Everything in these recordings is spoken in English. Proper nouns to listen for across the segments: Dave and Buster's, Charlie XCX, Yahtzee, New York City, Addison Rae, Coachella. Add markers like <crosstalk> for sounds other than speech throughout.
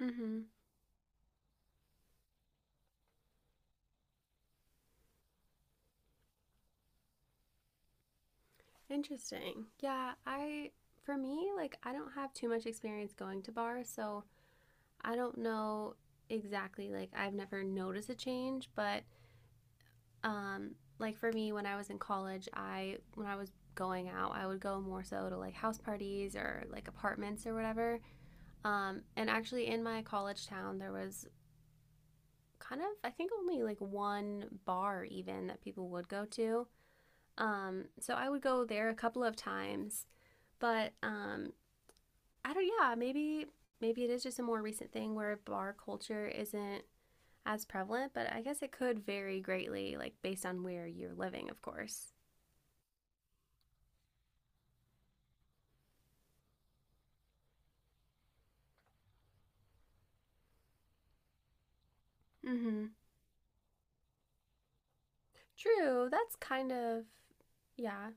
Mm-hmm. Interesting. Yeah, I for me, like I don't have too much experience going to bars, so I don't know exactly like I've never noticed a change, but um. Like for me when I was in college, I when I was going out, I would go more so to like house parties or like apartments or whatever. And actually in my college town there was I think only like one bar even that people would go to. So I would go there a couple of times but I don't. Yeah, maybe it is just a more recent thing where bar culture isn't as prevalent, but I guess it could vary greatly, like based on where you're living, of course. Mm-hmm. True. That's kind of yeah.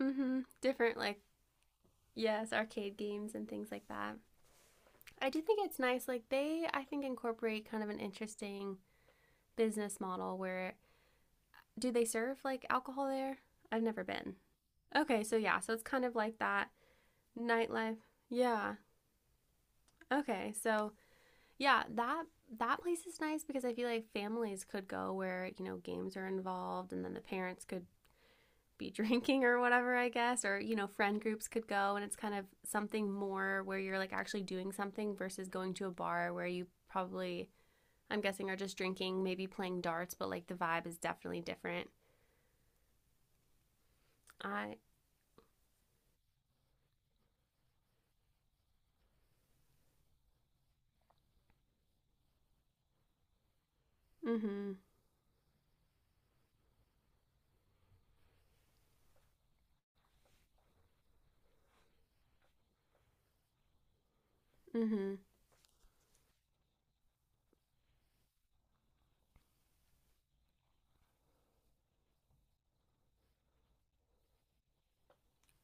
Mm-hmm. Different, like yes, arcade games and things like that. I do think it's nice. I think incorporate kind of an interesting business model where do they serve like alcohol there? I've never been. Okay, so yeah, so it's kind of like that nightlife. Yeah. Okay, so Yeah, that that place is nice because I feel like families could go where, you know, games are involved and then the parents could be <laughs> drinking or whatever, I guess, or you know, friend groups could go and it's kind of something more where you're like actually doing something versus going to a bar where you probably I'm guessing are just drinking, maybe playing darts, but like the vibe is definitely different. I mm mhm mm mhm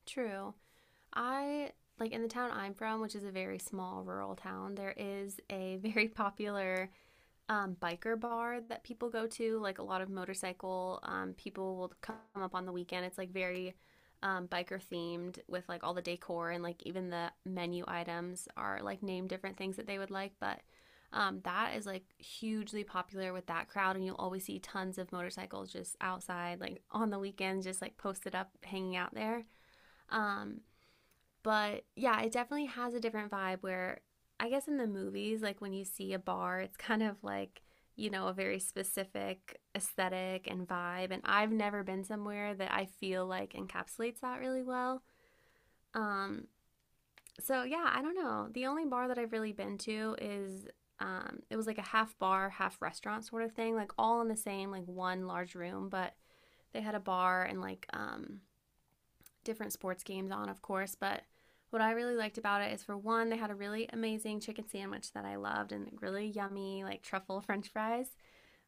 true. I like in the town I'm from, which is a very small rural town, there is a <laughs> very popular biker bar that people go to. Like a lot of motorcycle people will come up on the weekend. It's like very biker themed with like all the decor and like even the menu items are like named different things that they would like. But that is like hugely popular with that crowd, and you'll always see tons of motorcycles just outside, like on the weekends, just like posted up, hanging out there. Um, but yeah, it definitely has a different vibe where I guess in the movies, like when you see a bar, it's kind of like, you know, a very specific aesthetic and vibe. And I've never been somewhere that I feel like encapsulates that really well. Um, so yeah, I don't know. The only bar that I've really been to is it was like a half bar, half restaurant sort of thing, like all in the same, like one large room, but they had a bar and different sports games on, of course, but what I really liked about it is for one, they had a really amazing chicken sandwich that I loved and really yummy, like truffle <laughs> french fries.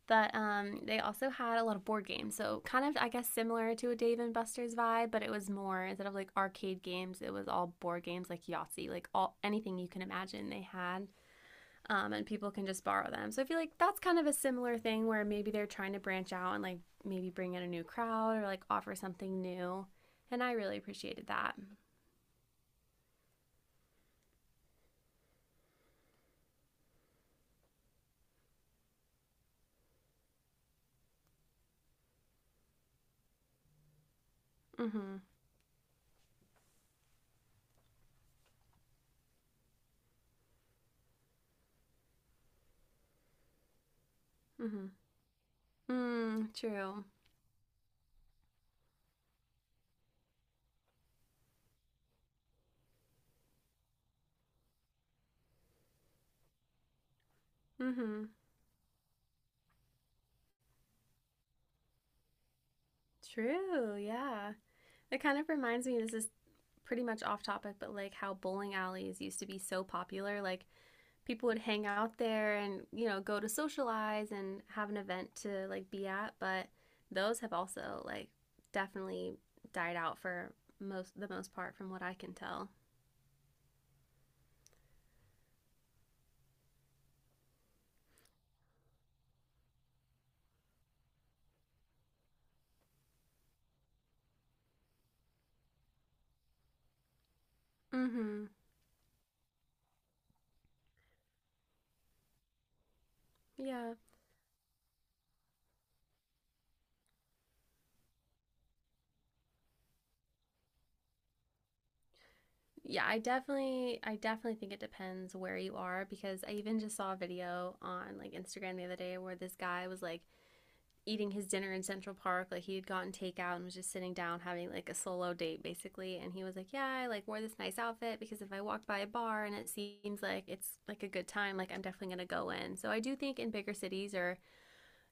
But they also had a lot of board games. So, kind of, I guess, similar to a Dave and Buster's vibe, but it was more instead of like arcade games, it was all board games like Yahtzee, like all anything you can imagine they had and people can just borrow them. So I feel like that's kind of a similar thing where maybe they're trying to branch out and like maybe bring in a new crowd or like offer something new. And I really appreciated that. Mm-hmm. Mm-hmm. Mm, true. Mm-hmm. True. Yeah. It kind of reminds me. This is pretty much off topic, but like how bowling alleys used to be so popular. Like people would hang out there and you know go to socialize and have an event to like be at but those have also like definitely died out for most the most part from what I can tell. Mm-hmm. Yeah, yeah, I definitely think it depends where you are because I even just saw a video on like Instagram the other day where this guy was like eating his dinner in Central Park. Like he had gotten takeout and was just sitting down having like a solo date basically. And he was like, yeah, I like wore this nice outfit because if I walked by a bar and it seems like it's like a good time, like I'm definitely gonna go in. So I do think in bigger cities or,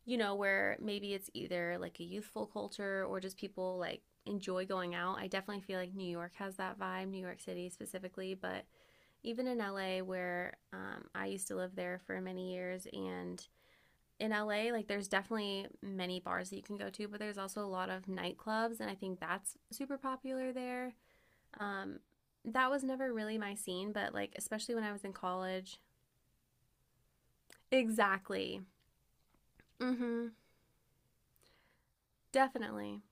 you know, where maybe it's either like a youthful culture or just people like enjoy going out. I definitely feel like New York has that vibe, New York City specifically, but even in LA where I used to live there for many years and in LA, like there's definitely many bars that you can go to, but there's also a lot of nightclubs, and I think that's super popular there. Um, that was never really my scene, but like especially when I was in college. Exactly. Mm-hmm. Definitely.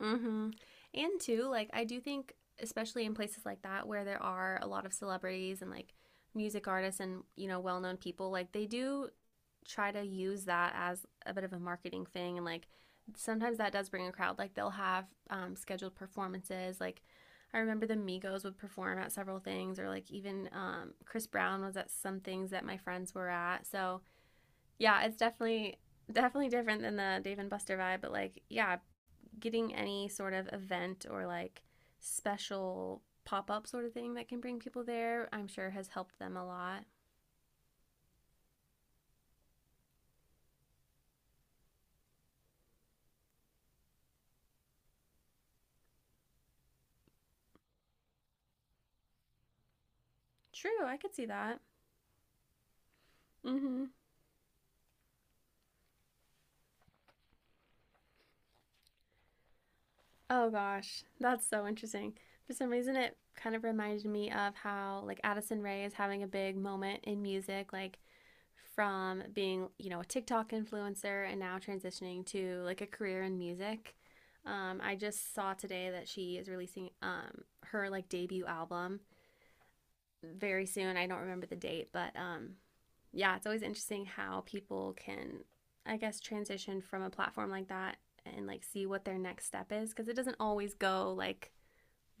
Mm-hmm. And too, like I do think, especially in places like that where there are a lot of celebrities and like music artists and you know well-known people, like they do try to use that as a bit of a marketing thing and like sometimes that does bring a crowd like they'll have scheduled performances like I remember the Migos would perform at several things or like even Chris Brown was at some things that my friends were at, so yeah, it's definitely different than the Dave and Buster vibe but like yeah, getting any sort of event or like special pop-up sort of thing that can bring people there I'm sure has helped them a lot. True, I could see that. Mm-hmm. Oh gosh, that's so interesting. For some reason, it kind of reminded me of how like Addison Rae is having a big moment in music, like from being, you know, a TikTok influencer and now transitioning to like a career in music. I just saw today that she is releasing her like debut album very soon. I don't remember the date, but yeah, it's always interesting how people can I guess transition from a platform like that and like see what their next step is because it doesn't always go like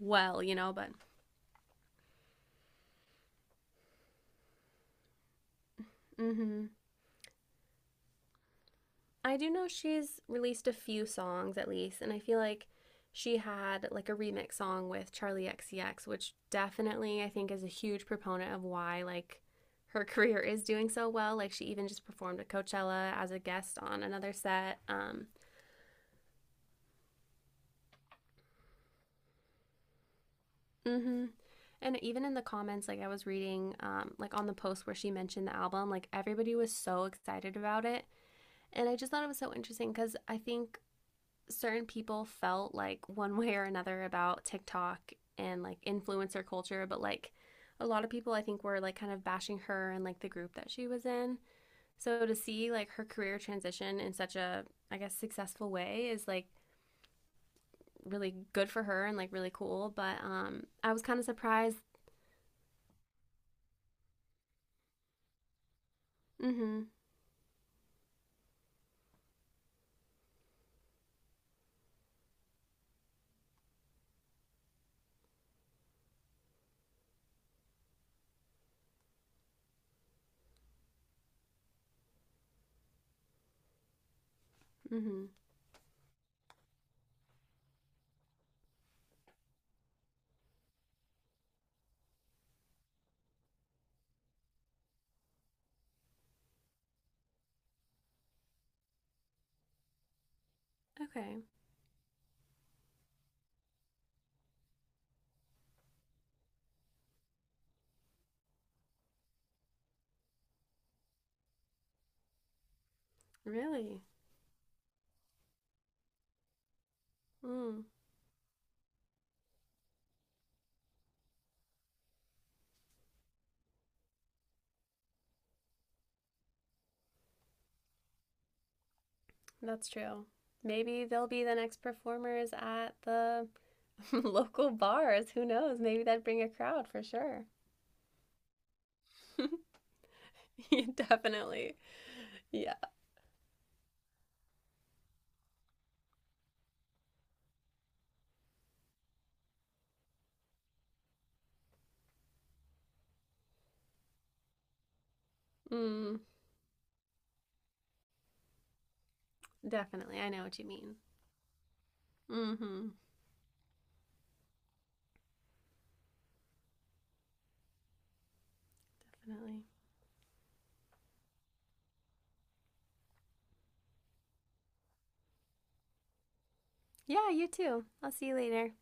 well, you know, but hmm, I do know she's released a few songs at least, and I feel like she had like a remix song with Charlie XCX, which definitely I think is a huge proponent of why like her <laughs> career is doing so well. Like she even just performed at Coachella as a guest on another set. Hmm And even in the comments, like I was reading, like on the post where she mentioned the album, like everybody was so excited about it. And I just thought it was so interesting because I think certain people felt like one way or another about TikTok and like influencer culture, but like a lot of people I think were like kind of bashing her and like the group that she was in. So to see like her career transition in such a I guess successful way is like really good for her and like really cool, but I was kind of surprised. Mhm. Mhm. Okay. Really? Mm, that's true. Maybe they'll be the next performers at the <laughs> local bars. Who knows? Maybe that'd bring a crowd for sure. <laughs> Definitely. Yeah. Mm, definitely. I know what you mean. Mm-hmm. Definitely. Yeah, you too. I'll see you later.